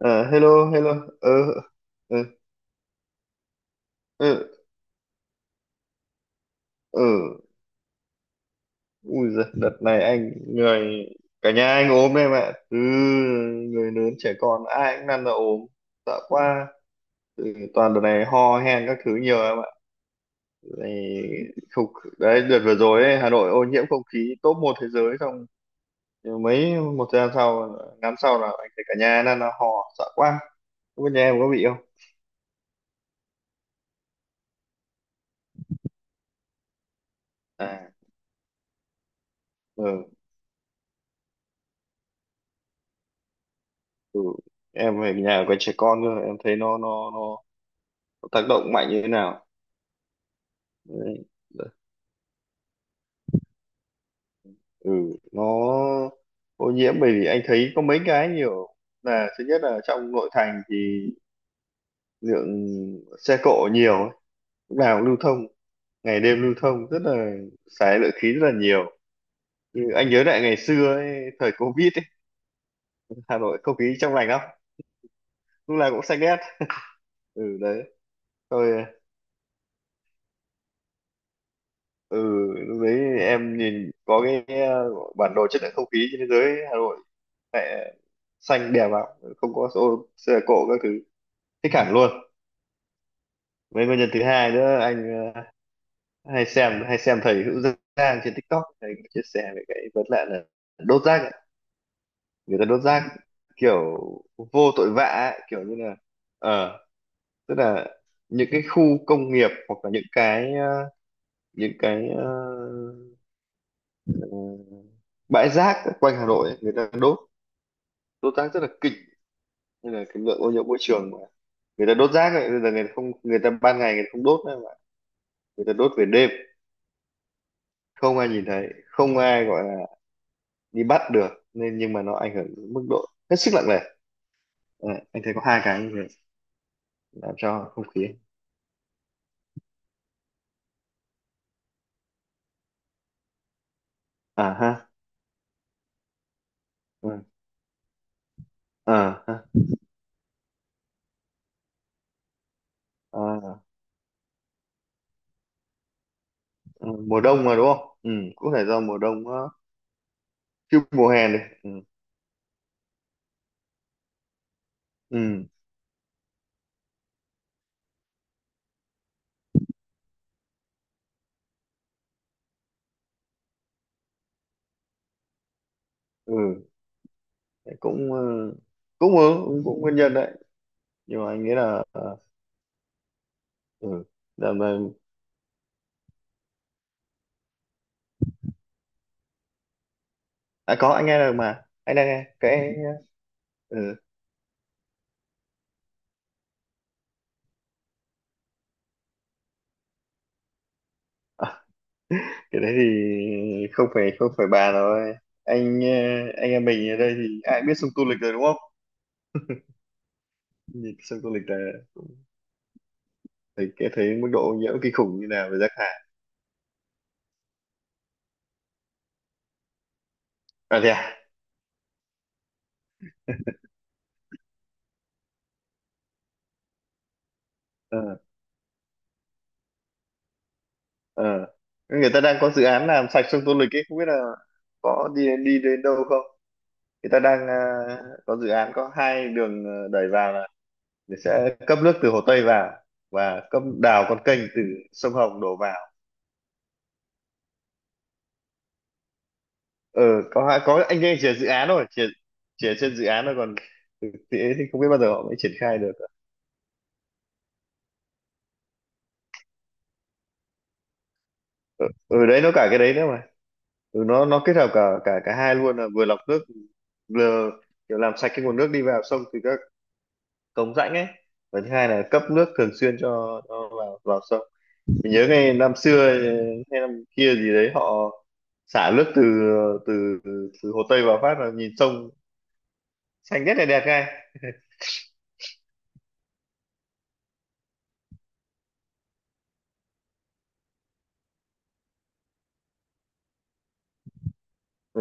À, hello, hello. Ờ, ờ, ờ, ờ. Ui giời, đợt này anh người cả nhà anh ốm, em ạ. Từ người lớn trẻ con ai cũng năn ra ốm, sợ quá. Ừ, toàn đợt này ho hen các thứ nhiều, em ạ. Này, không, đấy đợt vừa rồi ấy, Hà Nội ô nhiễm không khí top một thế giới, xong nhưng mấy một thời gian sau ngắn sau là anh thấy cả nhà năn ra ho, sợ quá. Không biết nhà em có bị không? À, ừ, ừ. Em về nhà có trẻ con cơ, em thấy nó tác động mạnh như thế nào. Đấy. Ừ, nó ô nhiễm bởi vì anh thấy có mấy cái nhiều, là thứ nhất là trong nội thành thì lượng xe cộ nhiều ấy, lúc nào cũng lưu thông, ngày đêm lưu thông rất là xài lượng khí rất là nhiều. Ừ, anh nhớ lại ngày xưa ấy, thời Covid ấy, Hà Nội không khí trong lành lắm, lúc nào cũng xanh ngắt. Ừ đấy. Thôi, ừ, lúc đấy em nhìn có cái bản đồ chất lượng không khí trên thế giới, Hà Nội mẹ xanh đẹp lắm, không có ô xe cộ các thứ, thích hẳn luôn. Với nguyên nhân thứ hai nữa, anh hay xem thầy Hữu Giang trên TikTok, thầy có chia sẻ về cái vấn nạn là đốt rác ấy. Người ta đốt rác kiểu vô tội vạ ấy, kiểu như là ờ tức là những cái khu công nghiệp hoặc là những cái ờ, bãi rác quanh Hà Nội ấy, người ta đốt đốt rác rất là kinh, nên là cái lượng ô nhiễm môi trường mà người ta đốt rác ấy, bây giờ người ta không người ta ban ngày người ta không đốt nữa mà người ta đốt về đêm, không ai nhìn thấy, không ai gọi là đi bắt được, nên nhưng mà nó ảnh hưởng đến mức độ hết sức nặng nề. Ờ, anh thấy có hai cái như vậy làm cho không khí. À ha. Ừ. À ha. À, ừ. Mùa đông mà, đúng không? Ừ, cũng phải do mùa đông á. Chứ mùa hè này ừ. Ừ. Ừ. Đấy cũng ờ, cũng ờ, cũng cũng nguyên nhân đấy. Nhưng mà anh nghĩ là ừ. À có, anh nghe được mà, anh đang nghe cái. Ừ, cái đấy thì không phải bàn rồi. anh ờ, anh em mình ở đây thì ai biết sông Tô Lịch rồi, đúng không? Nhìn sông Tô Lịch là cũng thấy cái thấy mức độ ô nhiễm kinh khủng như nào về rác thải. À thế à. Ờ. Ờ. Người ta đang có dự án làm sạch sông Tô Lịch ấy, không biết là có đi đi đến đâu không. Người ta đang có dự án, có hai đường đẩy vào, là sẽ cấp nước từ Hồ Tây vào và cấp đào con kênh từ sông Hồng đổ vào. Ờ, có hai có, anh ấy chỉ là dự án thôi, chỉ là trên dự án thôi, còn thực tế thì không biết bao giờ họ mới triển khai được. Ừ, đấy nó cả cái đấy nữa mà. Ừ, nó kết hợp cả cả cả hai luôn, là vừa lọc nước, vừa kiểu làm sạch cái nguồn nước đi vào sông từ các cống rãnh ấy, và thứ hai là cấp nước thường xuyên cho vào vào sông. Mình nhớ ngày năm xưa hay năm kia gì đấy, họ xả nước từ từ từ Hồ Tây vào phát là nhìn sông xanh rất là đẹp ngay. Ừ,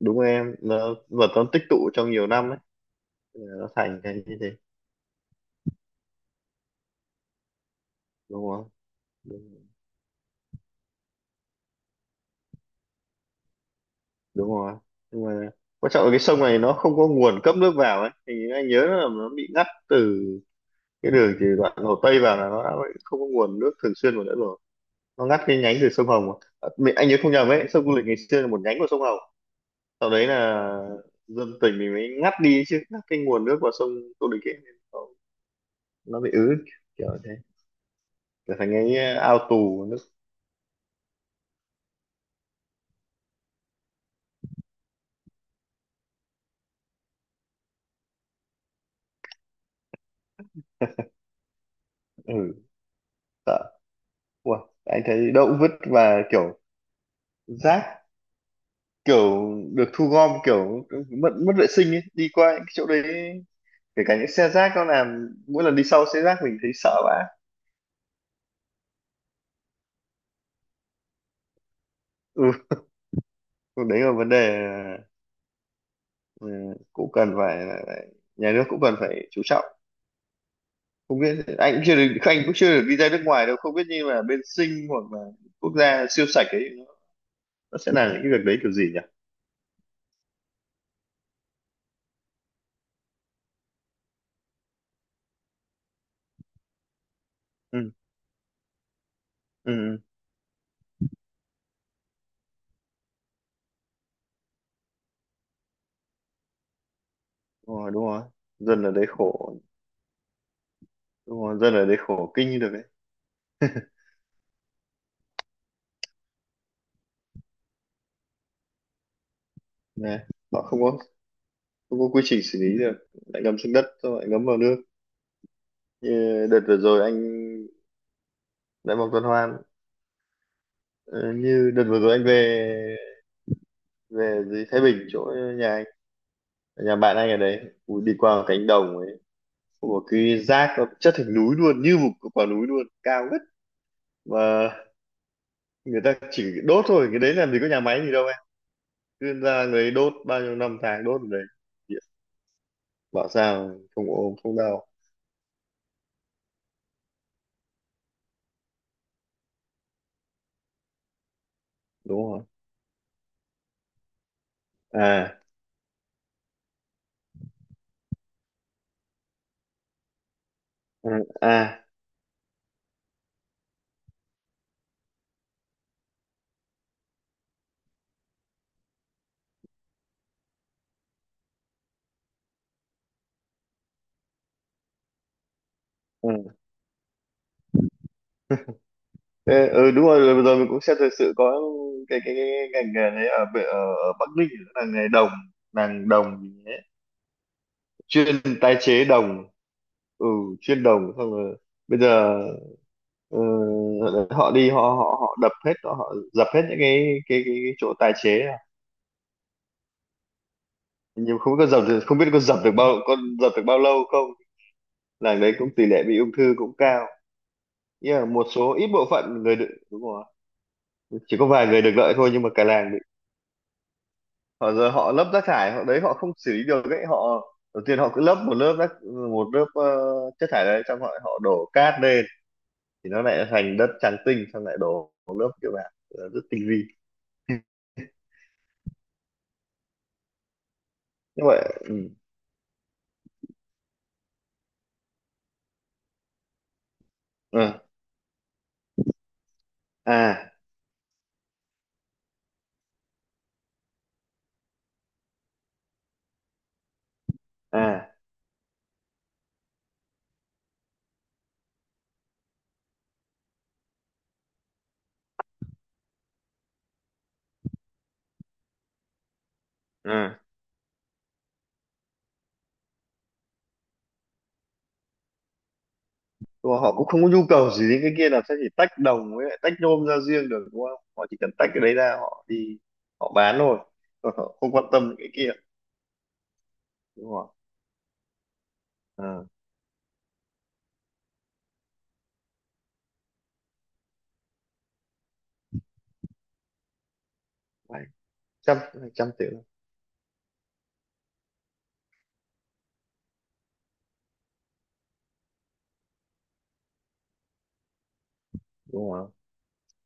đúng rồi em, nó vật nó tích tụ trong nhiều năm ấy, nó thành cái như thế. Đúng không? Đúng, đúng rồi. Nhưng mà quan trọng là cái sông này nó không có nguồn cấp nước vào ấy, thì anh nhớ là nó bị ngắt từ cái đường từ đoạn Hồ Tây vào, là nó đã không có nguồn nước thường xuyên vào nữa rồi, nó ngắt cái nhánh từ sông Hồng mà. À, anh nhớ không nhầm ấy, sông Du Lịch ngày xưa là một nhánh của sông Hồng, sau đấy là dân tỉnh mình mới ngắt đi, chứ ngắt cái nguồn nước vào sông Du Lịch ấy nên nó bị ứ kiểu thế, trở thành cái ao tù nước. Ừ. Sợ. Ủa, anh thấy động vứt và kiểu rác kiểu được thu gom kiểu mất mất vệ sinh ấy, đi qua những cái chỗ đấy, kể cả những xe rác nó làm, mỗi lần đi sau xe rác mình thấy sợ vãi. Ừ, đấy là vấn đề. Ừ, cũng cần phải nhà nước cũng cần phải chú trọng. Không biết, anh cũng chưa được đi ra nước ngoài đâu, không biết như là bên Sing hoặc là quốc gia siêu sạch ấy, nó sẽ làm những cái việc đấy kiểu gì nhỉ. Ừ. Ừ. Ừ. Đúng rồi. Đúng rồi. Dân ở đấy khổ. Đúng rồi, dân ở đấy khổ kinh như được đấy. Nè, họ không có quy trình xử lý được, lại ngâm xuống đất xong lại ngấm vào nước. Như đợt vừa rồi anh đã vòng tuần hoàn. Ờ, như đợt vừa rồi anh về về dưới Thái Bình, chỗ nhà anh, nhà bạn anh ở đấy. Ui, đi qua một cánh đồng ấy, có một cái rác nó chất thành núi luôn, như một quả núi luôn, cao ngất mà người ta chỉ đốt thôi, cái đấy làm gì có nhà máy gì đâu em, cứ ra người ấy đốt, bao nhiêu năm tháng đốt ở đấy, bảo sao không ốm không đau. Đúng không? À. Ừ. À. Ừ. Ê, ừ đúng rồi rồi vừa rồi mình cũng xem thời sự có cái ngành nghề đấy ở, ở Bắc Ninh là nghề đồng, nàng đồng gì ấy. Chuyên tái chế đồng. Ừ, chuyên đồng, xong rồi bây giờ ờ, họ đập hết, họ dập hết những cái chỗ tái chế à. Nhưng không biết có dập được, không biết có dập được bao, có dập được bao lâu không. Làng đấy cũng tỷ lệ bị ung thư cũng cao, nhưng mà một số ít bộ phận người được, đúng rồi, chỉ có vài người được lợi thôi, nhưng mà cả làng họ giờ họ lấp rác thải, họ đấy họ không xử lý được ấy, họ đầu tiên họ cứ lấp một lớp rác, một lớp chất thải đấy, xong họ họ đổ cát lên, thì nó lại thành đất trắng tinh, xong lại đổ một lớp kiểu bạn rất tinh vi như vậy. Ừ. Ừ. À. À. À. Nhưng mà họ cũng không có nhu cầu gì đến cái kia, làm sao chỉ tách đồng với lại tách nhôm ra riêng được, đúng không, họ chỉ cần tách cái đấy ra họ đi họ bán thôi. Còn họ không quan tâm đến cái kia, đúng không? À, phải, trăm hai trăm triệu, đúng không?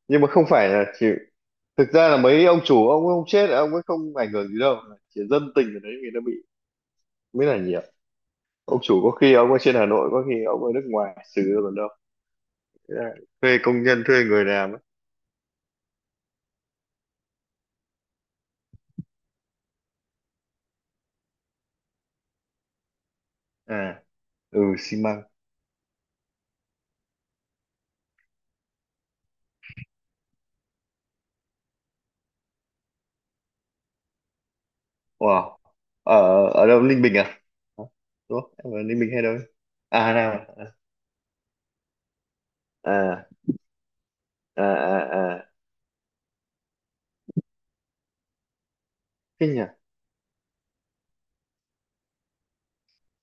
Nhưng mà không phải là chỉ, thực ra là mấy ông chủ, ông ấy không chết, ông ấy không ảnh hưởng gì đâu, chỉ dân tình ở đấy người ta bị mới là nhiều. Ông chủ có khi ông ở trên Hà Nội, có khi ông ở nước ngoài xử ra còn đâu. Thế là thuê công nhân, thuê người làm ấy. À. Ừ, xi măng. Wow. Ở ở đâu, Ninh Bình à? Hả? Đúng không, em ở Ninh Bình hay đâu ấy? À, Hà Nam À. À. À. À. À. Thế nhỉ,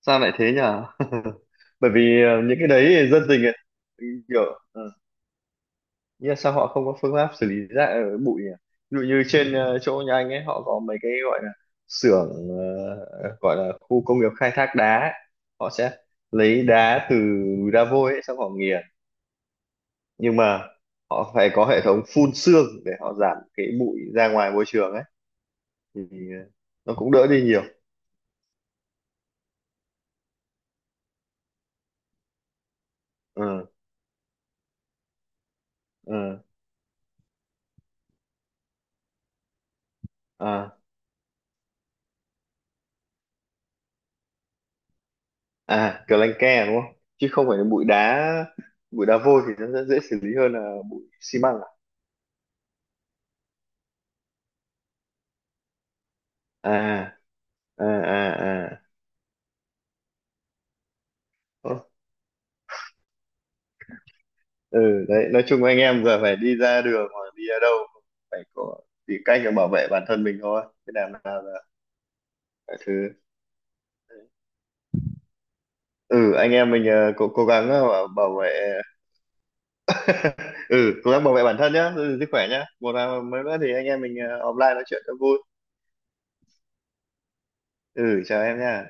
sao lại thế nhỉ. Bởi vì những cái đấy thì dân tình ấy kiểu nhưng mà sao họ không có phương pháp xử lý rác ở bụi nhỉ. Ví dụ như trên chỗ nhà anh ấy, họ có mấy cái gọi là xưởng gọi là khu công nghiệp khai thác đá ấy. Họ sẽ lấy đá từ núi đá vôi ấy, xong họ nghiền, nhưng mà họ phải có hệ thống phun sương để họ giảm cái bụi ra ngoài môi trường ấy thì ờ, nó cũng đỡ đi nhiều. Ừ. Ừ. À. À, kiểu lanh ke, đúng không, chứ không phải là bụi đá, bụi đá vôi thì nó sẽ dễ xử lý hơn là bụi xi măng. À. À. À. À. À. Ờ, ừ đấy nói chung anh em giờ phải đi ra đường hoặc đi ở đâu cũng phải có, tìm cách để bảo vệ bản thân mình thôi, thế làm nào là mọi thứ. Ừ, anh em mình cố cố gắng bảo vệ. Ừ, cố gắng bảo vệ bản thân nhá, giữ gìn sức khỏe nhá, một là mới nữa thì anh em mình offline nói chuyện cho vui. Ừ, chào em nha